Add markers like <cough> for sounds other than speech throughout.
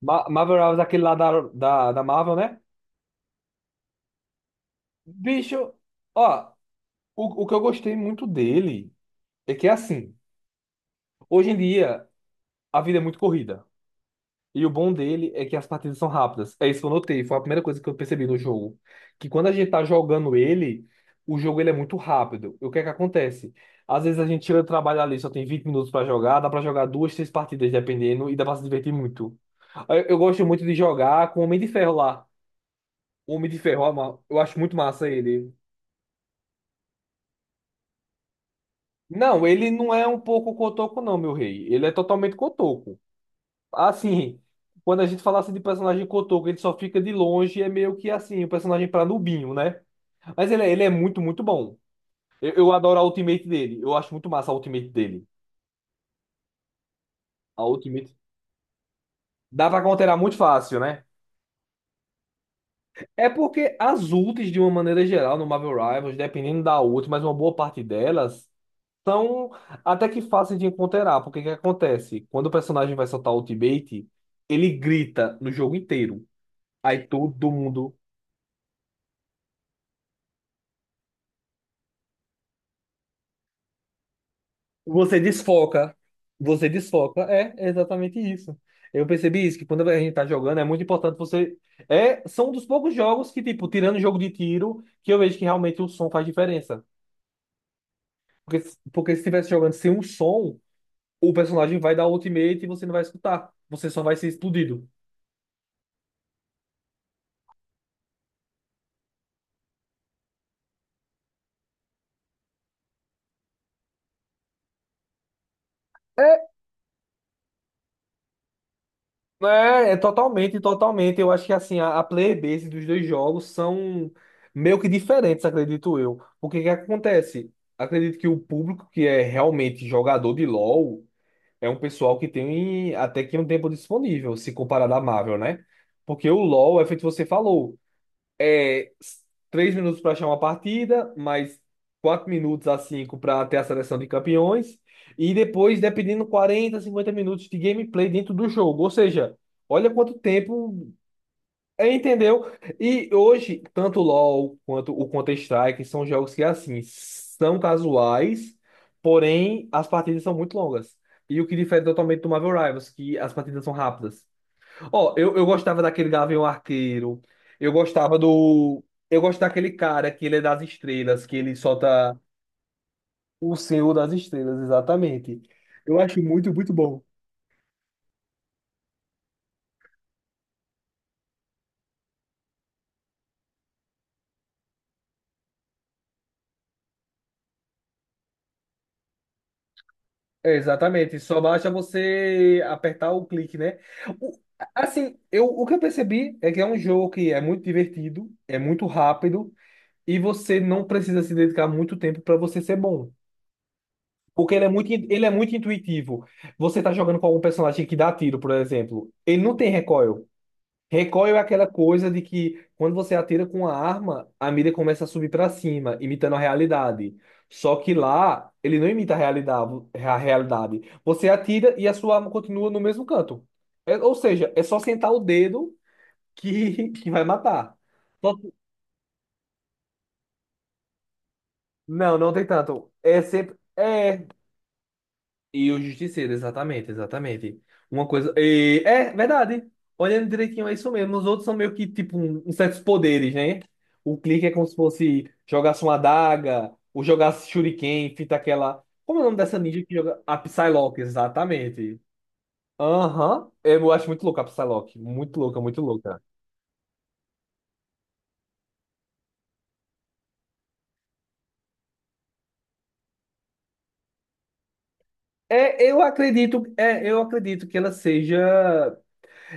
Marvel Rivals, é aquele lá da Marvel, né? Bicho, ó, o que eu gostei muito dele é que é assim. Hoje em dia, a vida é muito corrida. E o bom dele é que as partidas são rápidas. É isso que eu notei. Foi a primeira coisa que eu percebi no jogo. Que quando a gente tá jogando ele, o jogo ele é muito rápido. E o que é que acontece? Às vezes a gente tira o trabalho ali, só tem 20 minutos pra jogar, dá pra jogar duas, três partidas, dependendo, e dá pra se divertir muito. Eu gosto muito de jogar com o Homem de Ferro lá. O Homem de Ferro, ó, eu acho muito massa ele. Não, ele não é um pouco cotoco, não, meu rei. Ele é totalmente cotoco. Assim, quando a gente falasse de personagem cotoco, ele só fica de longe, é meio que assim, o personagem pra nubinho, né? Mas ele, ele é muito, muito bom. Eu adoro a ultimate dele. Eu acho muito massa a ultimate dele. A ultimate. Dá pra counterar muito fácil, né? É porque as ultis, de uma maneira geral, no Marvel Rivals, dependendo da ult, mas uma boa parte delas. São até que fáceis de encontrar, porque o que acontece? Quando o personagem vai soltar o ultimate, ele grita no jogo inteiro. Aí todo mundo. Você desfoca. Você desfoca. É, é exatamente isso. Eu percebi isso, que quando a gente tá jogando, é muito importante você. É, são um dos poucos jogos que, tipo, tirando o jogo de tiro, que eu vejo que realmente o som faz diferença. Porque, porque se estivesse jogando sem um som, o personagem vai dar ultimate e você não vai escutar. Você só vai ser explodido. É, é totalmente, totalmente. Eu acho que assim, a player base dos dois jogos são meio que diferentes, acredito eu. Porque o que acontece? Acredito que o público que é realmente jogador de LoL é um pessoal que tem até que um tempo disponível, se comparado à Marvel, né? Porque o LoL é feito você falou é 3 minutos para achar uma partida, mais 4 minutos a 5 para ter a seleção de campeões, e depois, dependendo, 40, 50 minutos de gameplay dentro do jogo. Ou seja, olha quanto tempo. É, entendeu? E hoje, tanto o LoL quanto o Counter-Strike são jogos que, assim, são casuais, porém as partidas são muito longas. E o que difere totalmente do Marvel Rivals, que as partidas são rápidas. Ó, eu gostava daquele Gavião Arqueiro. Eu gostava do. Eu gosto daquele cara que ele é das estrelas, que ele solta o Senhor das Estrelas, exatamente. Eu acho muito, muito bom. É, exatamente. Só basta você apertar o clique, né? O- assim, eu, o que eu percebi é que é um jogo que é muito divertido, é muito rápido, e você não precisa se dedicar muito tempo para você ser bom. Porque ele é muito intuitivo. Você tá jogando com algum personagem que dá tiro, por exemplo. Ele não tem recoil. Recoil é aquela coisa de que quando você atira com a arma, a mira começa a subir para cima, imitando a realidade. Só que lá, ele não imita a realidade, a realidade. Você atira e a sua arma continua no mesmo canto. Ou seja, é só sentar o dedo que, <laughs> que vai matar. Só Não, não tem tanto. É sempre. É. E o Justiceiro, exatamente, exatamente. Uma coisa. É verdade. Olhando direitinho, é isso mesmo. Os outros são meio que tipo um, uns certos poderes, né? O clique é como se fosse jogasse uma adaga, ou jogasse shuriken, fita aquela. Como é o nome dessa ninja que joga? A Psylocke, exatamente. Aham. Eu acho muito louca a Psylocke. Muito louca, muito louca. É, eu acredito que ela seja.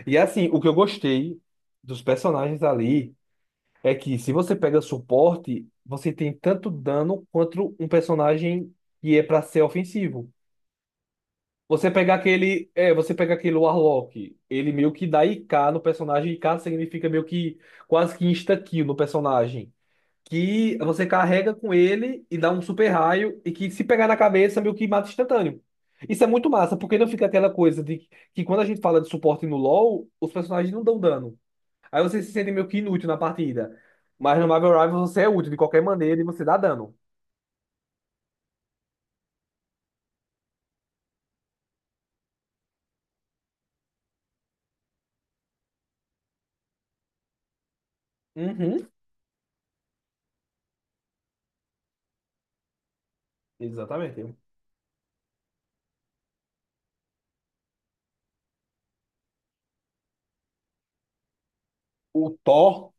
E assim, o que eu gostei dos personagens ali. É que se você pega suporte, você tem tanto dano quanto um personagem que é pra ser ofensivo. Você pega aquele, é, você pega aquele Warlock, ele meio que dá IK no personagem, IK significa meio que quase que insta-kill no personagem, que você carrega com ele e dá um super raio e que se pegar na cabeça meio que mata instantâneo. Isso é muito massa, porque não fica aquela coisa de que quando a gente fala de suporte no LoL, os personagens não dão dano. Aí você se sente meio que inútil na partida. Mas no Marvel Rivals você é útil de qualquer maneira e você dá dano. Uhum, exatamente. O Thor.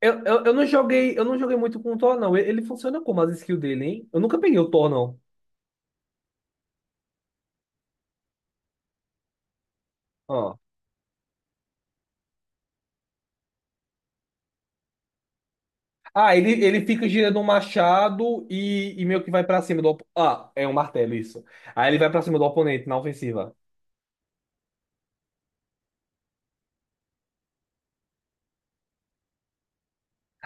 Eu não joguei muito com o Thor, não. Ele funciona como as skills dele, hein? Eu nunca peguei o Thor, não. Ah. Ah, ele fica girando um machado e meio que vai pra cima do. Ah, é um martelo, isso. Aí ele vai pra cima do oponente na ofensiva.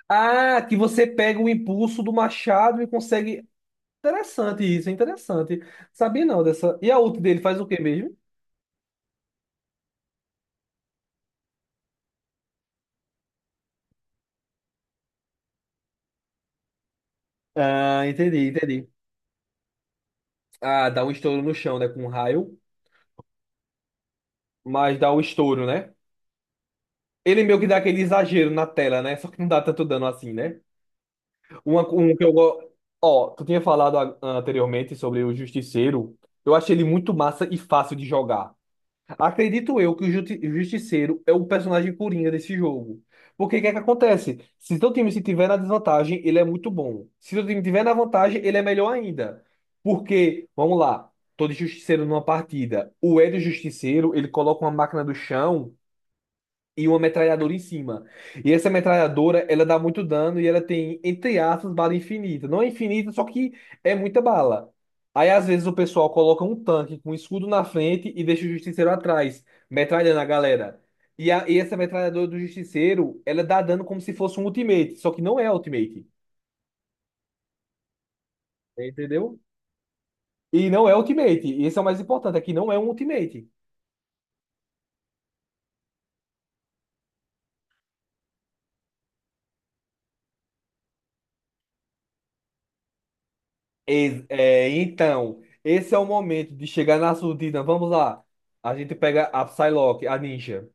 Ah, que você pega o impulso do machado e consegue. Interessante isso, é interessante. Sabia não dessa. E a ult dele faz o quê mesmo? Ah, entendi, entendi. Ah, dá um estouro no chão, né? Com um raio, mas dá o estouro, né? Ele meio que dá aquele exagero na tela, né? Só que não dá tanto dano assim, né? Um que eu gosto. Ó, tu tinha falado anteriormente sobre o Justiceiro. Eu achei ele muito massa e fácil de jogar. Acredito eu que o o Justiceiro é o personagem coringa desse jogo. Porque o que é que acontece? Se teu time se tiver na desvantagem, ele é muito bom. Se teu time tiver na vantagem, ele é melhor ainda. Porque, vamos lá, tô de Justiceiro numa partida. O Hélio Justiceiro, ele coloca uma máquina do chão e uma metralhadora em cima. E essa metralhadora, ela dá muito dano e ela tem, entre aspas, bala infinita. Não é infinita, só que é muita bala. Aí, às vezes, o pessoal coloca um tanque com um escudo na frente e deixa o justiceiro atrás, metralhando a galera. E essa metralhadora do justiceiro, ela dá dano como se fosse um ultimate, só que não é ultimate. Entendeu? E não é ultimate. E esse é o mais importante, é que não é um ultimate. É, então, esse é o momento de chegar na surdina. Vamos lá. A gente pega a Psylocke, a ninja.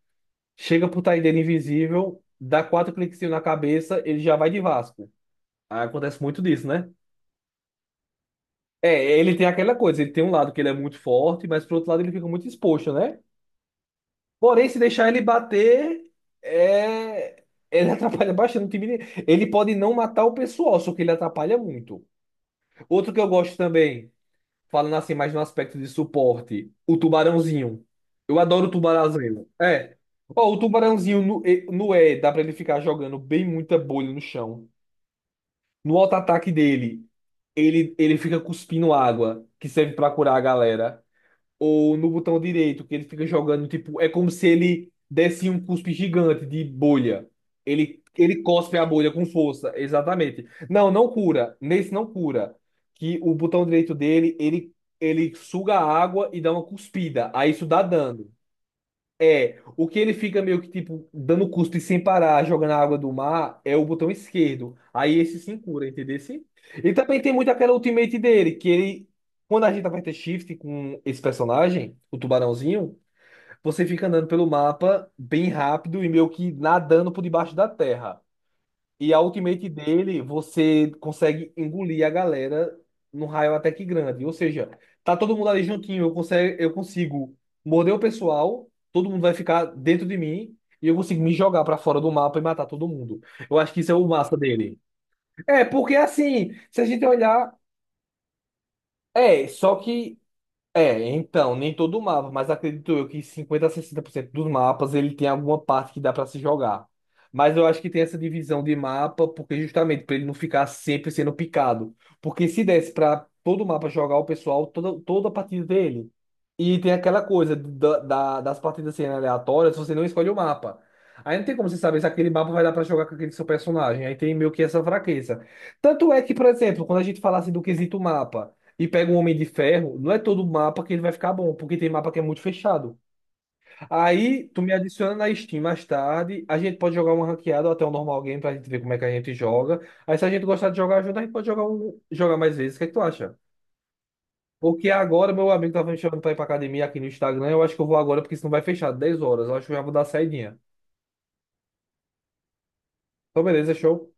Chega pro Taideira invisível, dá quatro cliquezinhos na cabeça, ele já vai de Vasco. Aí acontece muito disso, né? É, ele tem aquela coisa, ele tem um lado que ele é muito forte, mas por outro lado ele fica muito exposto, né? Porém, se deixar ele bater, é... ele <laughs> atrapalha bastante o time. Dele. Ele pode não matar o pessoal, só que ele atrapalha muito. Outro que eu gosto também. Falando assim mais no aspecto de suporte, o tubarãozinho. Eu adoro o tubarãozinho. É. Ó, o tubarãozinho no E, no E dá pra ele ficar jogando bem muita bolha no chão. No auto-ataque dele, ele fica cuspindo água, que serve pra curar a galera ou no botão direito, que ele fica jogando, tipo, é como se ele desse um cuspe gigante de bolha. Ele cospe a bolha com força, exatamente. Não, não cura. Nesse não cura. Que o botão direito dele, ele suga a água e dá uma cuspida. Aí isso dá dano. É, o que ele fica meio que tipo dando cuspe sem parar, jogando a água do mar, é o botão esquerdo. Aí esse sim cura, entendeu? Sim? E também tem muito aquela ultimate dele, que ele, quando a gente aperta shift com esse personagem, o tubarãozinho, você fica andando pelo mapa bem rápido e meio que nadando por debaixo da terra. E a ultimate dele, você consegue engolir a galera num raio até que grande. Ou seja, tá todo mundo ali juntinho, eu consigo morder o pessoal, todo mundo vai ficar dentro de mim e eu consigo me jogar pra fora do mapa e matar todo mundo. Eu acho que isso é o massa dele. É, porque assim, se a gente olhar, é, só que é, então, nem todo mapa, mas acredito eu que 50 a 60% dos mapas ele tem alguma parte que dá pra se jogar. Mas eu acho que tem essa divisão de mapa porque justamente pra ele não ficar sempre sendo picado. Porque se desse pra todo mapa jogar o pessoal toda, toda a partida dele. E tem aquela coisa das partidas serem aleatórias, você não escolhe o mapa. Aí não tem como você saber se aquele mapa vai dar pra jogar com aquele seu personagem. Aí tem meio que essa fraqueza. Tanto é que, por exemplo, quando a gente falasse do quesito mapa, e pega um Homem de Ferro, não é todo mapa que ele vai ficar bom, porque tem mapa que é muito fechado. Aí tu me adiciona na Steam mais tarde, a gente pode jogar uma ranqueada ou até um normal game pra gente ver como é que a gente joga. Aí se a gente gostar de jogar junto, a gente pode jogar, um, jogar mais vezes. O que é que tu acha? Porque agora meu amigo tava me chamando pra ir pra academia aqui no Instagram, eu acho que eu vou agora porque senão vai fechar 10 horas, eu acho que eu já vou dar saidinha. Então beleza, show.